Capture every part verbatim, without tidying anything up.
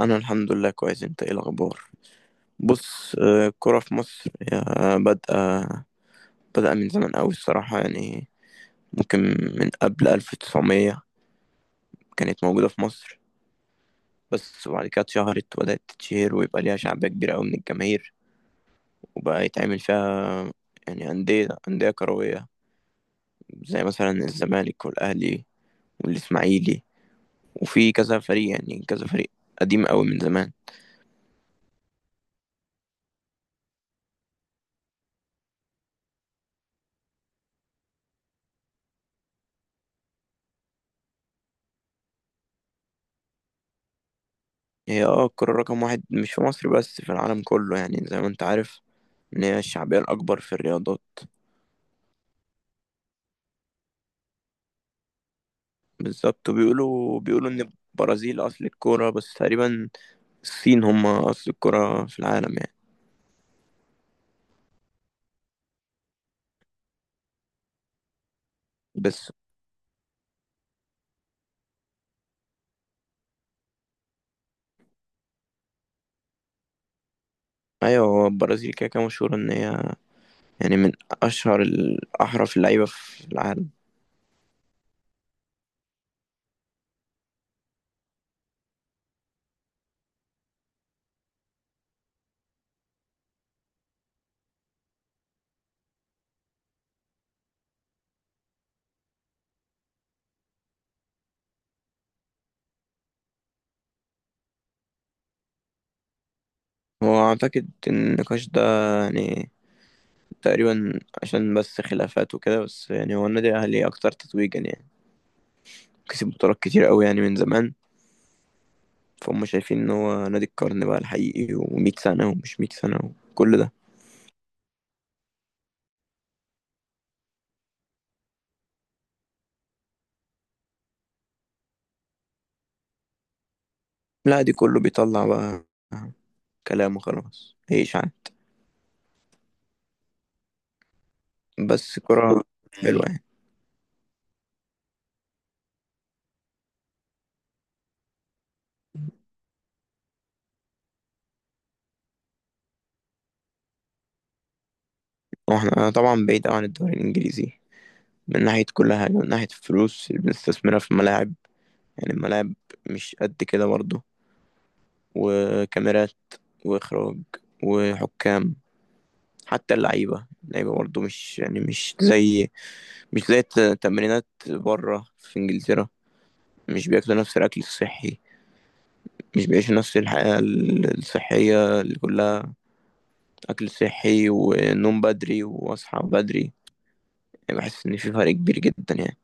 انا الحمد لله كويس. انت ايه الاخبار؟ بص، آه، الكرة في مصر هي بادئه بدأ من زمان قوي الصراحة، يعني ممكن من قبل ألف وتسعمائة كانت موجودة في مصر. بس وبعد كده اتشهرت وبدأت تتشهر ويبقى ليها شعبية كبيرة قوي من الجماهير، وبقى يتعمل فيها يعني أندية أندية كروية زي مثلا الزمالك والأهلي والإسماعيلي، وفي كذا فريق، يعني كذا فريق قديم قوي من زمان. هي اه الكرة رقم واحد مش في مصر بس، في العالم كله، يعني زي ما انت عارف ان هي الشعبية الأكبر في الرياضات. بالظبط. وبيقولوا بيقولوا ان البرازيل أصل الكرة، بس تقريبا الصين هم أصل الكرة في العالم يعني. بس أيوة، هو البرازيل كده كده مشهورة ان هي يعني من أشهر الأحرف اللعيبة في العالم. هو أعتقد إن النقاش ده يعني تقريبا عشان بس خلافات وكده، بس يعني هو النادي الأهلي أكتر تتويجا، يعني كسب بطولات كتير أوي يعني من زمان. فهم شايفين ان هو نادي القرن بقى الحقيقي، و100 سنة ومش مية سنة وكل ده. لا، دي كله بيطلع بقى كلام وخلاص. ايش عن بس كرة حلوة يعني. واحنا طبعا بعيد أوي عن الدوري الإنجليزي من ناحية كل حاجة، من ناحية الفلوس اللي بنستثمرها في الملاعب. يعني الملاعب مش قد كده برضه، وكاميرات وإخراج وحكام. حتى اللعيبة اللعيبة برضه مش يعني مش زي مش زي الت- التمرينات بره في إنجلترا. مش بياكلوا نفس الأكل الصحي، مش بيعيشوا نفس الحياة ال- الصحية اللي كلها أكل صحي ونوم بدري وأصحى بدري. يعني بحس إن في فرق كبير جدا يعني.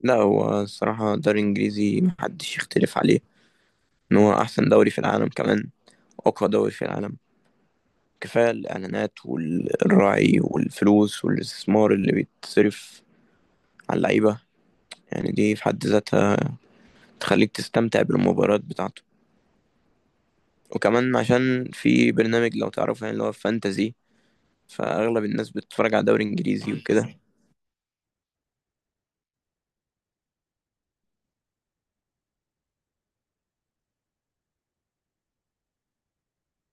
لا، هو الصراحة الدوري الإنجليزي محدش يختلف عليه إن هو أحسن دوري في العالم، كمان أقوى دوري في العالم. كفاية الإعلانات والراعي والفلوس والاستثمار اللي بيتصرف على اللعيبة، يعني دي في حد ذاتها تخليك تستمتع بالمباريات بتاعته. وكمان عشان في برنامج، لو تعرفه، يعني اللي هو فانتزي، فأغلب الناس بتتفرج على دوري إنجليزي وكده.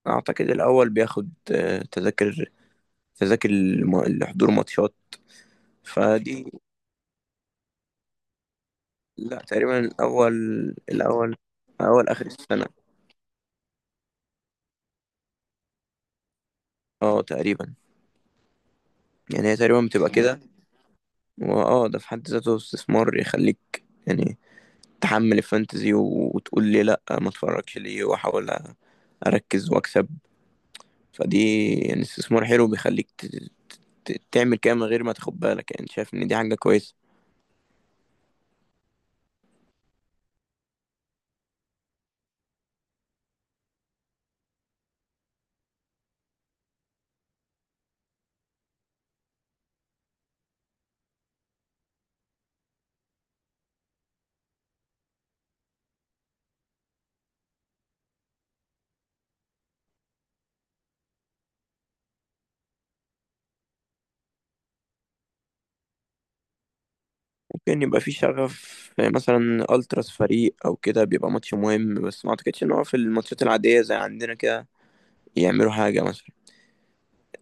أعتقد الأول بياخد آه، تذاكر تذاكر الم- لحضور ماتشات. فدي، لا، تقريبا الأول الأول أول آخر السنة. اه تقريبا، يعني هي تقريبا بتبقى كده. واه، ده في حد ذاته استثمار يخليك، يعني تحمل الفانتزي و- وتقول لي لا، ما اتفرجش ليه، واحاول اركز واكسب. فدي يعني استثمار حلو بيخليك ت- ت- تعمل كده من غير ما تاخد بالك، يعني شايف ان دي حاجة كويسة. ممكن يبقى في شغف، مثلا التراس فريق او كده بيبقى ماتش مهم، بس ما اعتقدش ان هو في الماتشات العاديه زي عندنا كده يعملوا حاجه مثلا.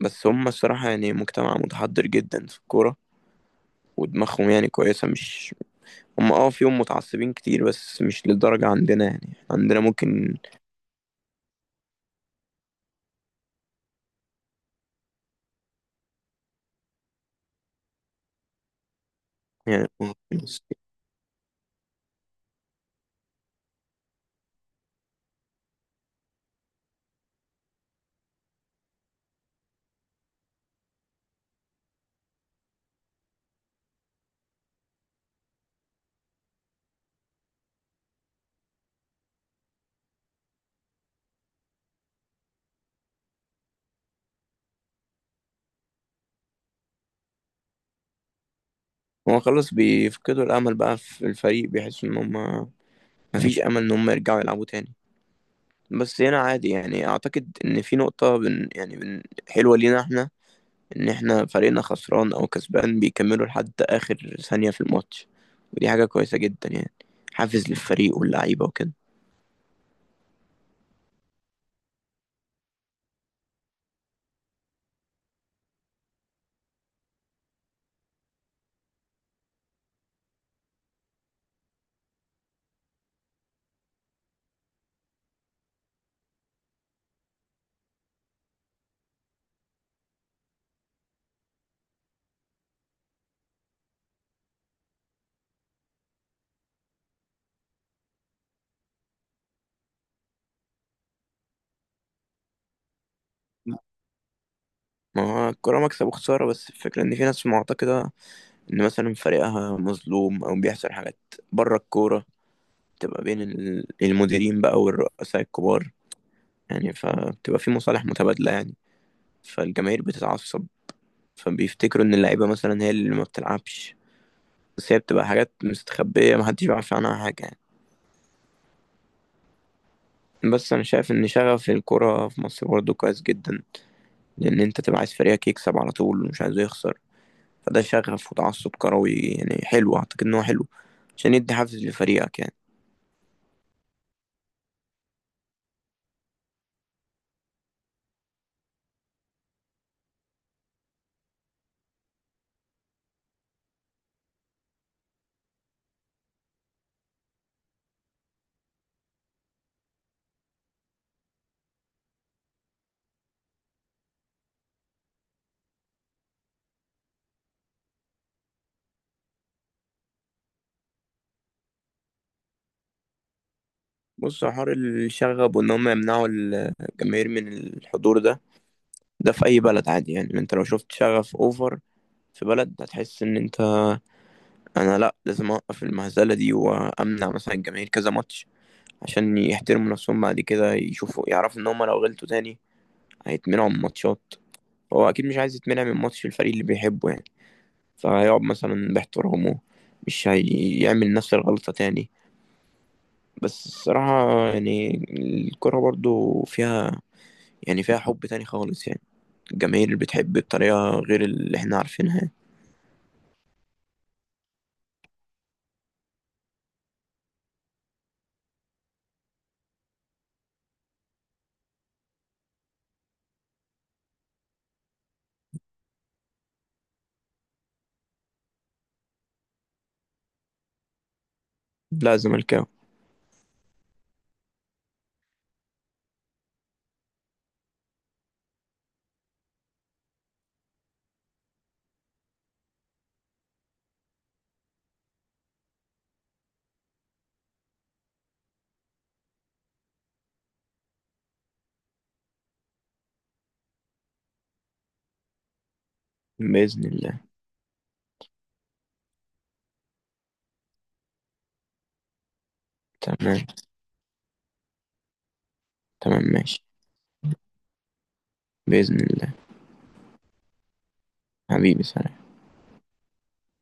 بس هم الصراحه يعني مجتمع متحضر جدا في الكوره، ودماغهم يعني كويسه، مش. هم اه فيهم متعصبين كتير بس مش للدرجه عندنا، يعني عندنا ممكن. يعني هو خلاص بيفقدوا الامل بقى في الفريق، بيحسوا ان هم مفيش امل ان هم يرجعوا يلعبوا تاني. بس هنا عادي يعني. اعتقد ان في نقطه بن يعني بن حلوه لينا احنا، ان احنا فريقنا خسران او كسبان بيكملوا لحد اخر ثانية في الماتش. ودي حاجة كويسة جدا يعني، حافز للفريق واللعيبة وكده. ما هو الكورة مكسب وخسارة، بس الفكرة إن في ناس معتقدة إن مثلا فريقها مظلوم أو بيحصل حاجات بره الكورة، بتبقى بين ال- المديرين بقى والرؤساء الكبار يعني. فبتبقى في مصالح متبادلة يعني، فالجماهير بتتعصب، فبيفتكروا إن اللعيبة مثلا هي اللي ما بتلعبش. بس هي بتبقى حاجات مستخبية محدش بيعرف عنها حاجة يعني. بس انا شايف ان شغف الكرة في مصر برضه كويس جدا، لان انت تبقى عايز فريقك يكسب على طول ومش عايزه يخسر. فده شغف وتعصب كروي يعني حلو، اعتقد ان هو حلو عشان يدي حافز لفريقك يعني. بص، حوار الشغب وان هم يمنعوا الجماهير من الحضور ده، ده في اي بلد عادي يعني. انت لو شفت شغف اوفر في بلد، هتحس ان انت انا، لا، لازم اوقف المهزلة دي وامنع مثلا الجماهير كذا ماتش عشان يحترموا نفسهم. بعد كده يشوفوا، يعرفوا ان هم لو غلطوا تاني هيتمنعوا من ماتشات، هو اكيد مش عايز يتمنع من ماتش الفريق اللي بيحبه يعني. فهيقعد مثلا باحترامه، مش هيعمل نفس الغلطة تاني. بس الصراحة يعني الكرة برضو فيها يعني فيها حب تاني خالص يعني، الجماهير اللي بتحب بطريقة غير اللي احنا عارفينها يعني. لا، زملكاوي. بإذن الله. تمام. تمام ماشي. بإذن الله. حبيبي سلام.